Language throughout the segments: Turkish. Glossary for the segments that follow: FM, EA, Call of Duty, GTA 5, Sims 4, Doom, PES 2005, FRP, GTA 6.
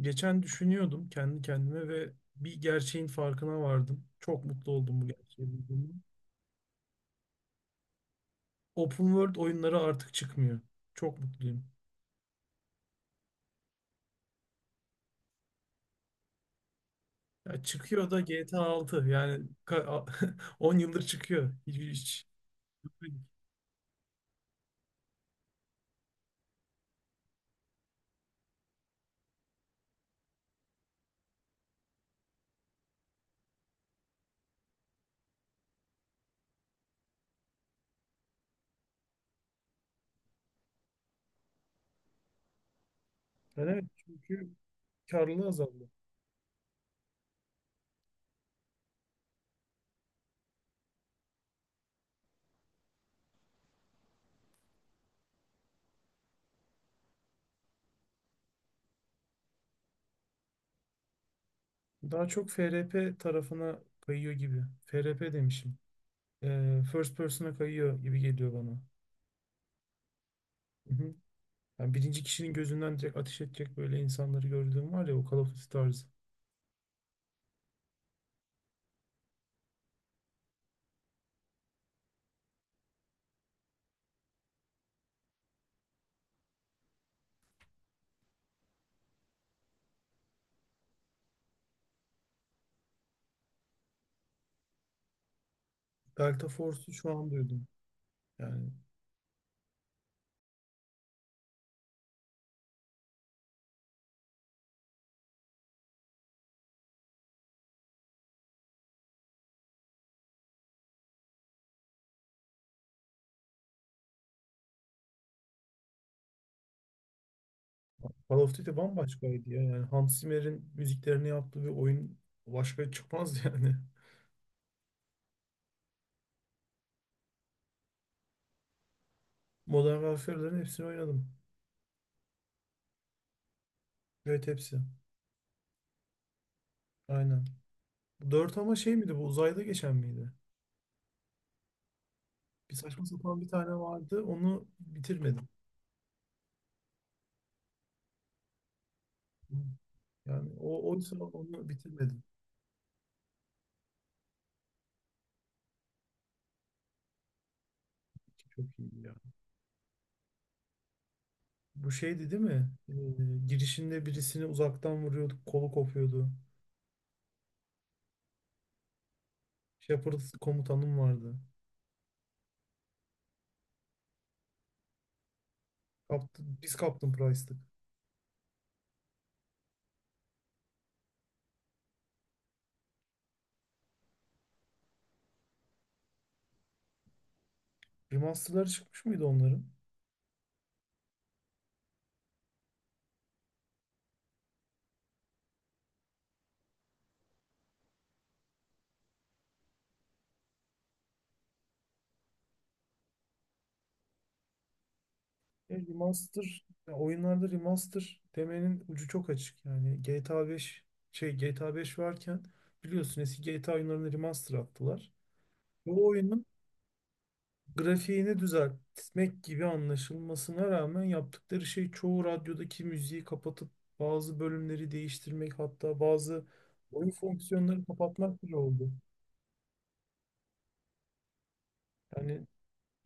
Geçen düşünüyordum kendi kendime ve bir gerçeğin farkına vardım. Çok mutlu oldum bu gerçeği bulduğumda. Open World oyunları artık çıkmıyor. Çok mutluyum. Ya çıkıyor da GTA 6 yani 10 yıldır çıkıyor. Hiç, hiç. Yani evet, çünkü karlılığı azaldı. Daha çok FRP tarafına kayıyor gibi. FRP demişim. First person'a kayıyor gibi geliyor bana. Hı hı. Yani birinci kişinin gözünden direkt ateş edecek böyle insanları gördüğüm var ya, o Call of Duty tarzı. Delta Force'u şu an duydum. Yani Call of Duty bambaşkaydı ya. Yani Hans Zimmer'in müziklerini yaptığı bir oyun başka çıkmaz yani. Modern Warfare'ların hepsini oynadım. Evet, hepsi. Aynen. Dört, ama şey miydi, bu uzayda geçen miydi? Bir saçma sapan bir tane vardı, onu bitirmedim. Yani o oysa onu bitirmedim. Çok iyiydi ya. Bu şeydi, değil mi? Girişinde birisini uzaktan vuruyorduk, kolu kopuyordu. Shepard komutanım vardı. Kaptı, biz Captain Price'tık. Remaster'ları çıkmış mıydı onların? Remaster, ya oyunlarda remaster demenin ucu çok açık. Yani GTA 5 varken biliyorsun, eski GTA oyunlarını remaster attılar. Bu oyunun grafiğini düzeltmek gibi anlaşılmasına rağmen yaptıkları şey çoğu radyodaki müziği kapatıp bazı bölümleri değiştirmek, hatta bazı oyun fonksiyonlarını kapatmak bile oldu. Yani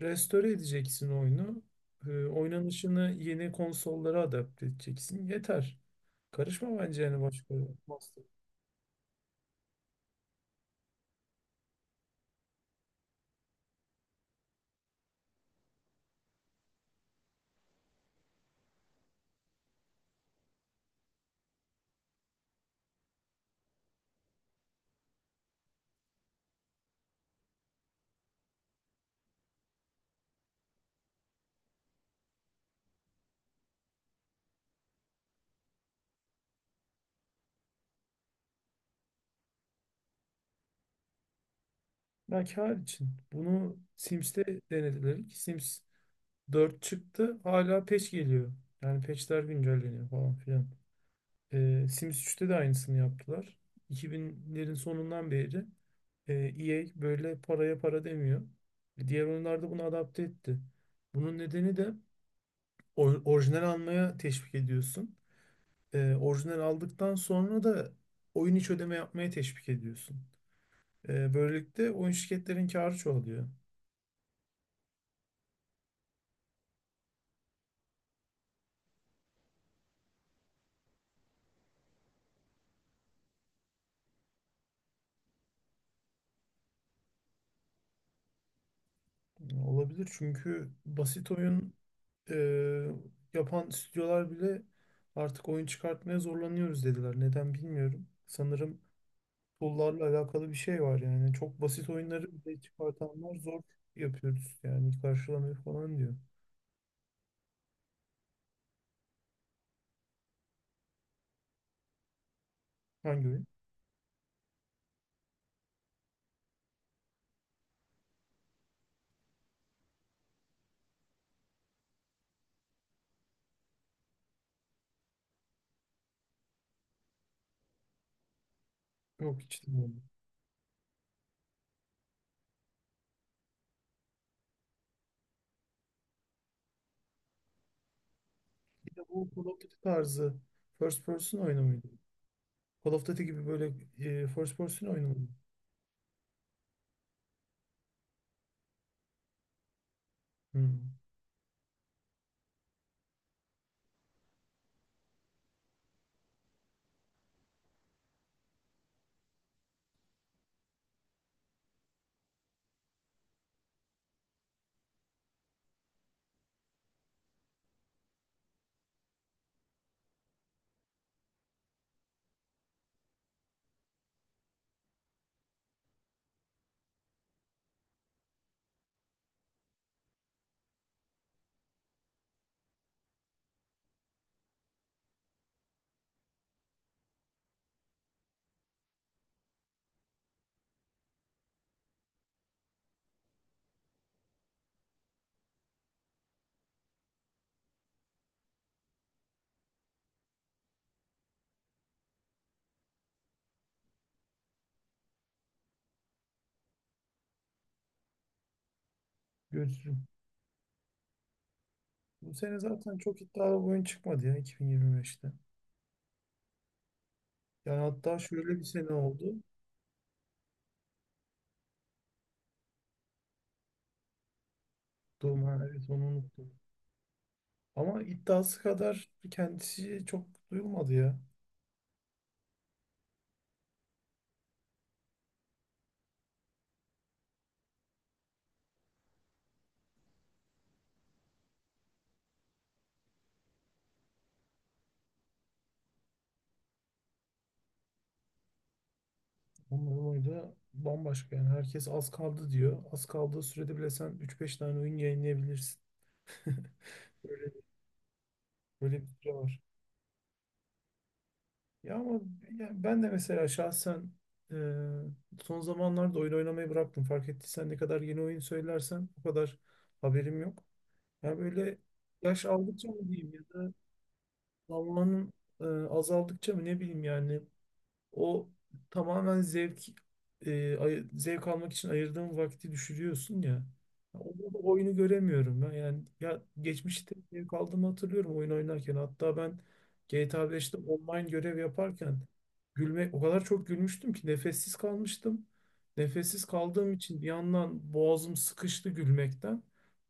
restore edeceksin oyunu. Oynanışını yeni konsollara adapte edeceksin. Yeter. Karışma bence, yani başka master. Ya kâr için. Bunu Sims'te denediler ki Sims 4 çıktı. Hala patch geliyor. Yani patchler güncelleniyor falan filan. Sims 3'te de aynısını yaptılar. 2000'lerin sonundan beri EA böyle paraya para demiyor. Diğer oyunlarda bunu adapte etti. Bunun nedeni de orijinal almaya teşvik ediyorsun. Orijinal aldıktan sonra da oyun içi ödeme yapmaya teşvik ediyorsun. Böylelikle oyun şirketlerin karı çoğalıyor. Olabilir, çünkü basit oyun e, yapan stüdyolar bile artık oyun çıkartmaya zorlanıyoruz dediler. Neden bilmiyorum. Sanırım tool'larla alakalı bir şey var yani. Çok basit oyunları bile çıkartanlar zor yapıyoruz yani, karşılamıyor falan diyor. Hangi oyun? Yok, hiç bilmiyorum. Bir de bu Call of Duty tarzı first person oyunu muydu? Call of Duty gibi böyle first person oyunu mu? Hmm, Görürüm. Bu sene zaten çok iddialı bir oyun çıkmadı ya, 2025'te. Yani hatta şöyle bir sene oldu. Doom, ha, evet, onu unuttum. Ama iddiası kadar kendisi çok duyulmadı ya. Onların oyunu da bambaşka yani. Herkes az kaldı diyor. Az kaldığı sürede bile sen üç beş tane oyun yayınlayabilirsin. Böyle bir süre var. Ya ama ya ben de mesela şahsen e, son zamanlarda oyun oynamayı bıraktım. Fark ettiysen, ne kadar yeni oyun söylersen o kadar haberim yok. Ya böyle yaş aldıkça mı diyeyim, ya da zamanın azaldıkça mı, ne bileyim yani. O tamamen zevk almak için ayırdığın vakti düşürüyorsun ya. Ya orada da oyunu göremiyorum ben. Yani ya geçmişte zevk aldığımı hatırlıyorum oyun oynarken. Hatta ben GTA 5'te online görev yaparken gülme, o kadar çok gülmüştüm ki nefessiz kalmıştım. Nefessiz kaldığım için bir yandan boğazım sıkıştı gülmekten.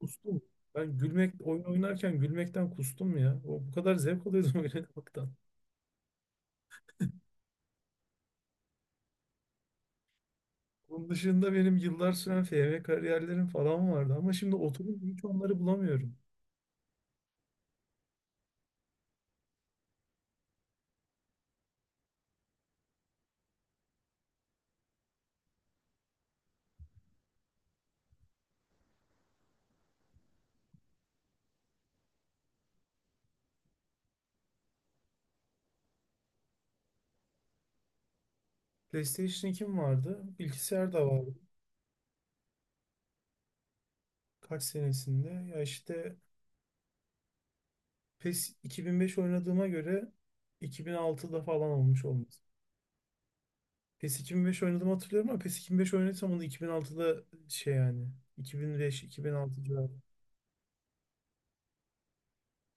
Kustum. Ben gülmek, oyun oynarken gülmekten kustum ya. O bu kadar zevk alıyordum oyuna. Bunun dışında benim yıllar süren FM kariyerlerim falan vardı, ama şimdi oturup hiç onları bulamıyorum. PlayStation 2'm vardı, bilgisayar da vardı. Kaç senesinde? Ya işte, PES 2005 oynadığıma göre 2006'da falan olmuş olması. PES 2005 oynadığımı hatırlıyorum, ama PES 2005 oynadıysam onu 2006'da, şey yani, 2005-2006 civarı.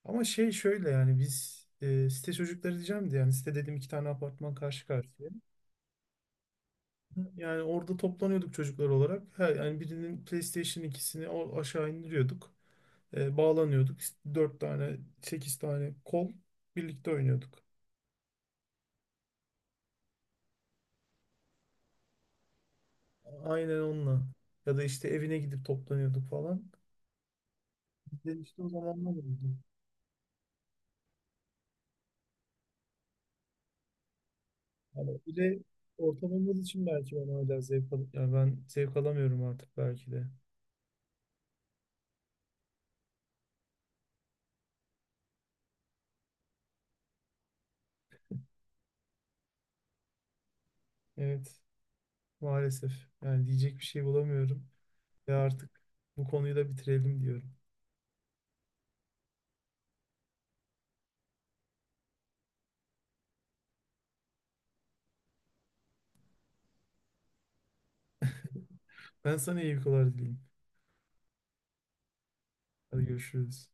Ama şey şöyle yani, biz site çocukları diyeceğim de, yani site dediğim iki tane apartman karşı karşıya. Yani orada toplanıyorduk çocuklar olarak. Yani birinin PlayStation ikisini o aşağı indiriyorduk. Bağlanıyorduk. İşte dört tane, 8 tane kol birlikte oynuyorduk. Aynen, onunla. Ya da işte evine gidip toplanıyorduk falan. Ben işte o zamanlar oldu. Yani bir de ortam olmadığı için belki ben hala zevk al yani ben zevk alamıyorum artık belki de. Evet, maalesef. Yani diyecek bir şey bulamıyorum. Ve artık bu konuyu da bitirelim diyorum. Ben sana iyi uykular dileyim. Hadi, görüşürüz.